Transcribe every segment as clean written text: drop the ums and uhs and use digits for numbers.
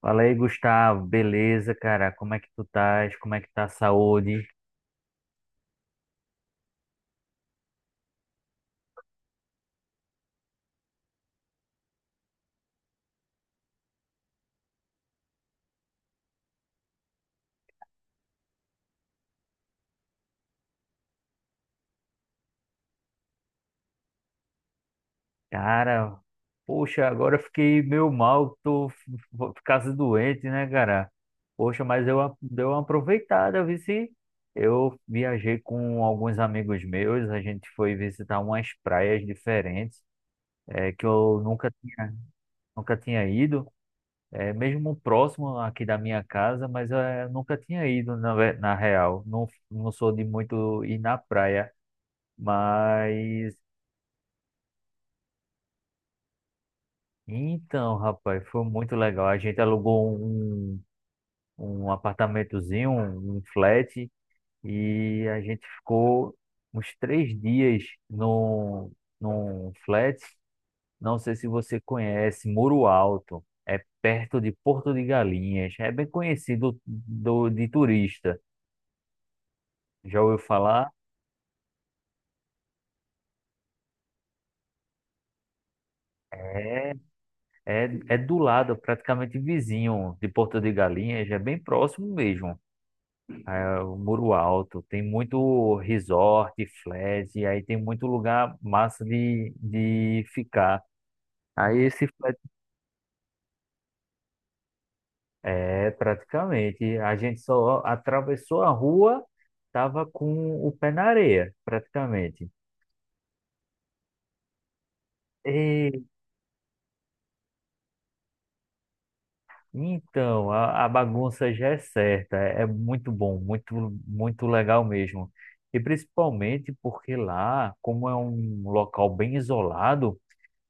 Fala aí, Gustavo. Beleza, cara? Como é que tu estás? Como é que tá a saúde? Cara, poxa, agora eu fiquei meio mal, tô ficando doente, né, cara? Poxa, mas dei uma aproveitada, eu vi se eu viajei com alguns amigos meus, a gente foi visitar umas praias diferentes, é, que eu nunca tinha, nunca tinha ido, é, mesmo próximo aqui da minha casa, mas é, eu nunca tinha ido na real. Não, não sou de muito ir na praia. Mas então, rapaz, foi muito legal. A gente alugou um apartamentozinho, um flat, e a gente ficou uns 3 dias num, num flat. Não sei se você conhece, Muro Alto. É perto de Porto de Galinhas. É bem conhecido de turista. Já ouviu falar? É, é do lado, praticamente vizinho de Porto de Galinhas. É bem próximo mesmo. É o Muro Alto, tem muito resort, flat, e aí tem muito lugar massa de ficar. Aí esse flat, é, praticamente, a gente só atravessou a rua, tava com o pé na areia, praticamente. E, então, a bagunça já é certa, é muito bom, muito, muito legal mesmo. E principalmente porque lá, como é um local bem isolado,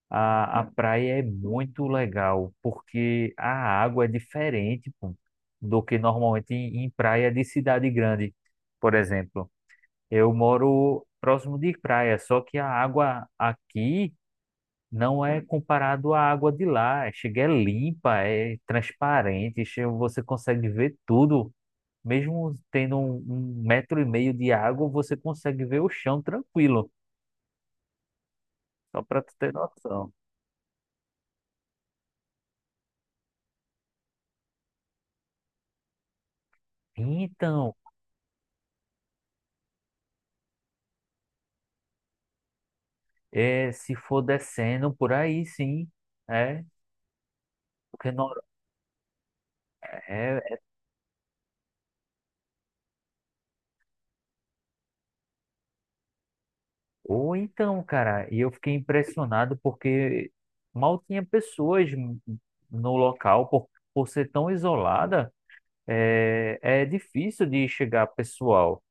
a praia é muito legal, porque a água é diferente, pô, do que normalmente em praia de cidade grande. Por exemplo, eu moro próximo de praia, só que a água aqui não é comparado à água de lá. Chega é limpa, é transparente, você consegue ver tudo. Mesmo tendo um metro e meio de água, você consegue ver o chão tranquilo, só para tu ter noção. Então, é, se for descendo por aí, sim. É, porque não, é, ou então, cara, e eu fiquei impressionado porque mal tinha pessoas no local por ser tão isolada, é difícil de chegar pessoal.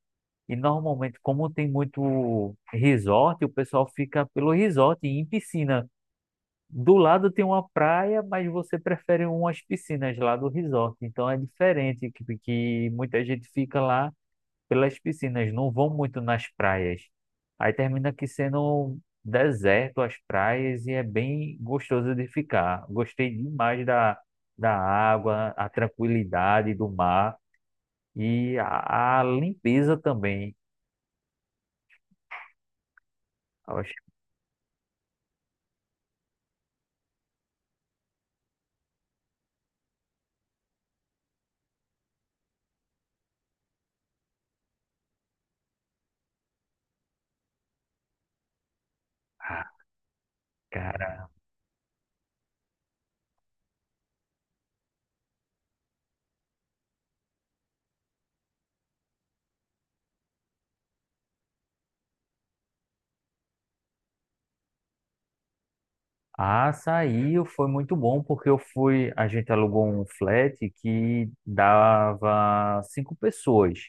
E normalmente, como tem muito resort, o pessoal fica pelo resort e em piscina. Do lado tem uma praia, mas você prefere umas piscinas lá do resort. Então é diferente que muita gente fica lá pelas piscinas, não vão muito nas praias. Aí termina aqui sendo um deserto as praias e é bem gostoso de ficar. Gostei demais da água, a tranquilidade do mar e a limpeza também. Eu Ah, cara, a açaí foi muito bom porque eu fui, a gente alugou um flat que dava cinco pessoas.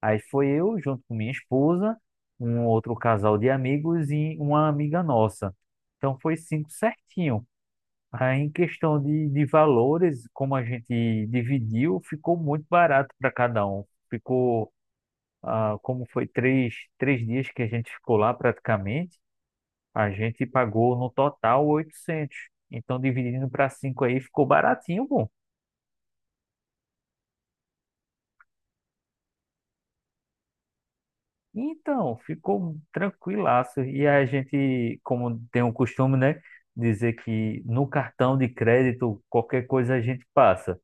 Aí foi eu, junto com minha esposa, um outro casal de amigos e uma amiga nossa. Então foi cinco certinho. Aí em questão de valores, como a gente dividiu, ficou muito barato para cada um. Ficou, ah, como foi três dias que a gente ficou lá praticamente, a gente pagou no total 800. Então dividindo para cinco aí ficou baratinho, bom. Então, ficou tranquilaço. E a gente, como tem o costume, né, dizer que no cartão de crédito qualquer coisa a gente passa.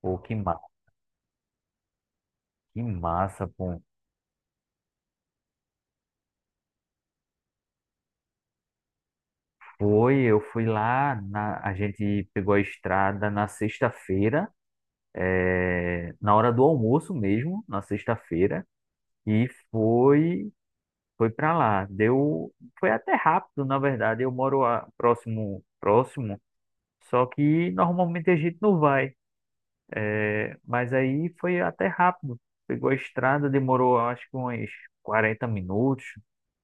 Pô, que massa, pô. Foi, eu fui lá, a gente pegou a estrada na sexta-feira, é, na hora do almoço mesmo, na sexta-feira, e foi para lá. Deu, foi até rápido, na verdade. Eu moro próximo, próximo, só que normalmente a gente não vai. Mas aí foi até rápido. Pegou a estrada, demorou acho que uns 40 minutos,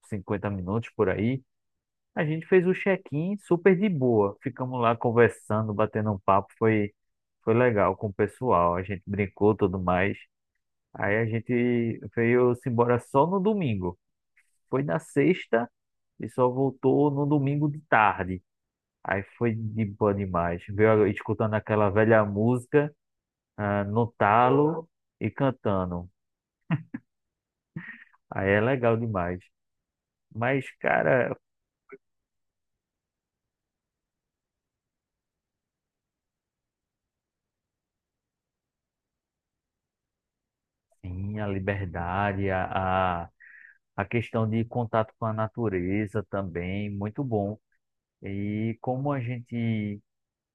50 minutos por aí. A gente fez o check-in super de boa. Ficamos lá conversando, batendo um papo. Foi legal com o pessoal. A gente brincou tudo mais. Aí a gente veio-se embora só no domingo. Foi na sexta e só voltou no domingo de tarde. Aí foi de boa demais. Veio escutando aquela velha música, ah, no talo e cantando. Aí é legal demais. Mas, cara, sim, a liberdade, a questão de contato com a natureza também, muito bom. E como a gente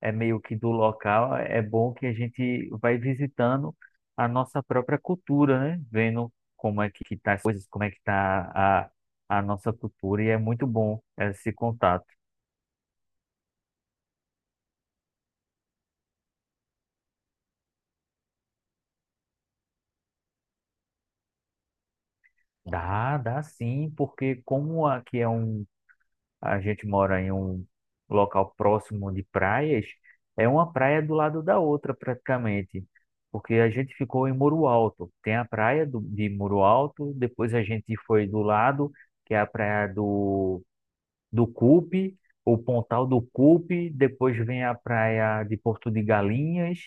é meio que do local, é bom que a gente vai visitando a nossa própria cultura, né? Vendo como é que tá as coisas, como é que tá a nossa cultura, e é muito bom esse contato. Dá sim, porque como aqui é um. A gente mora em um local próximo de praias, é uma praia do lado da outra praticamente, porque a gente ficou em Muro Alto. Tem a praia de Muro Alto, depois a gente foi do lado, que é a praia do Cupe, o Pontal do Cupe, depois vem a praia de Porto de Galinhas.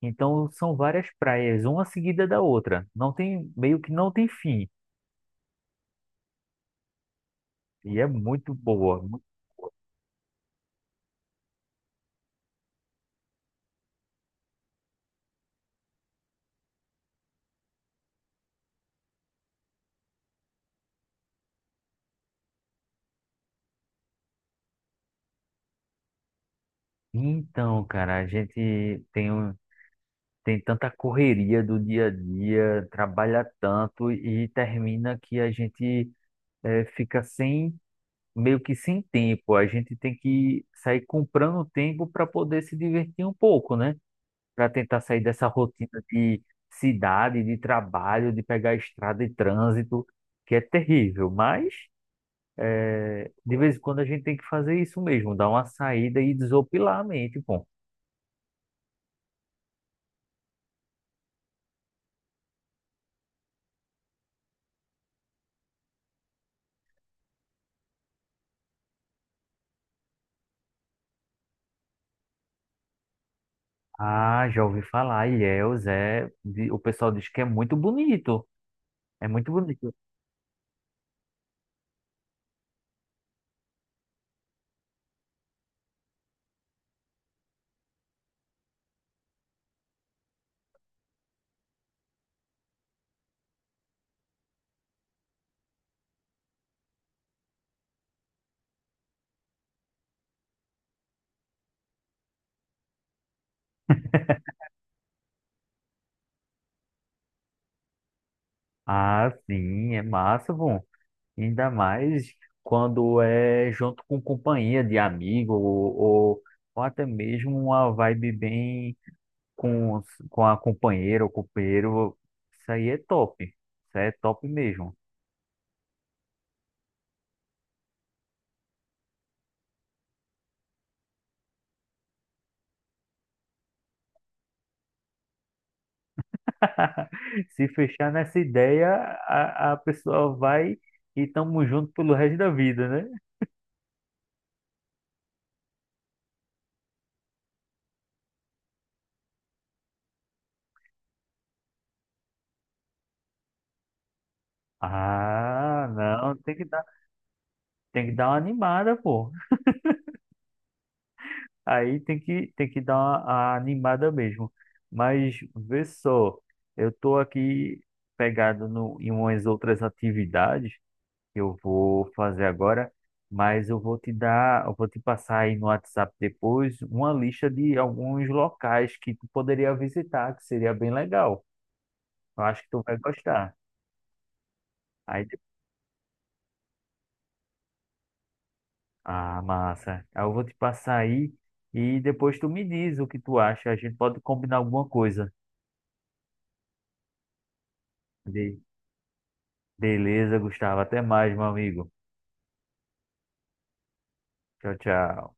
Então são várias praias, uma seguida da outra. Não tem, meio que não tem fim. E é muito boa. Então, cara, a gente tem tanta correria do dia a dia, trabalha tanto e termina que a gente fica sem, meio que sem tempo. A gente tem que sair comprando tempo para poder se divertir um pouco, né? Para tentar sair dessa rotina de cidade, de trabalho, de pegar estrada e trânsito, que é terrível. Mas de vez em quando a gente tem que fazer isso mesmo, dar uma saída e desopilar a mente, pô. Ah, já ouvi falar. Ilhéus é. O pessoal diz que é muito bonito. É muito bonito. Ah, sim, é massa, bom. Ainda mais quando é junto com companhia de amigo, ou até mesmo uma vibe bem com a companheira ou companheiro. Isso aí é top. Isso aí é top mesmo. Se fechar nessa ideia, a pessoa vai e tamo junto pelo resto da vida, né? Ah, não, tem que dar. Tem que dar uma animada, pô. Aí tem que dar uma, a animada mesmo. Mas vê só, eu tô aqui pegado no, em umas outras atividades que eu vou fazer agora, mas eu vou te passar aí no WhatsApp depois uma lista de alguns locais que tu poderia visitar, que seria bem legal. Eu acho que tu vai gostar. Aí, ah, massa. Aí eu vou te passar aí e depois tu me diz o que tu acha. A gente pode combinar alguma coisa. Be- Beleza, Gustavo. Até mais, meu amigo. Tchau, tchau.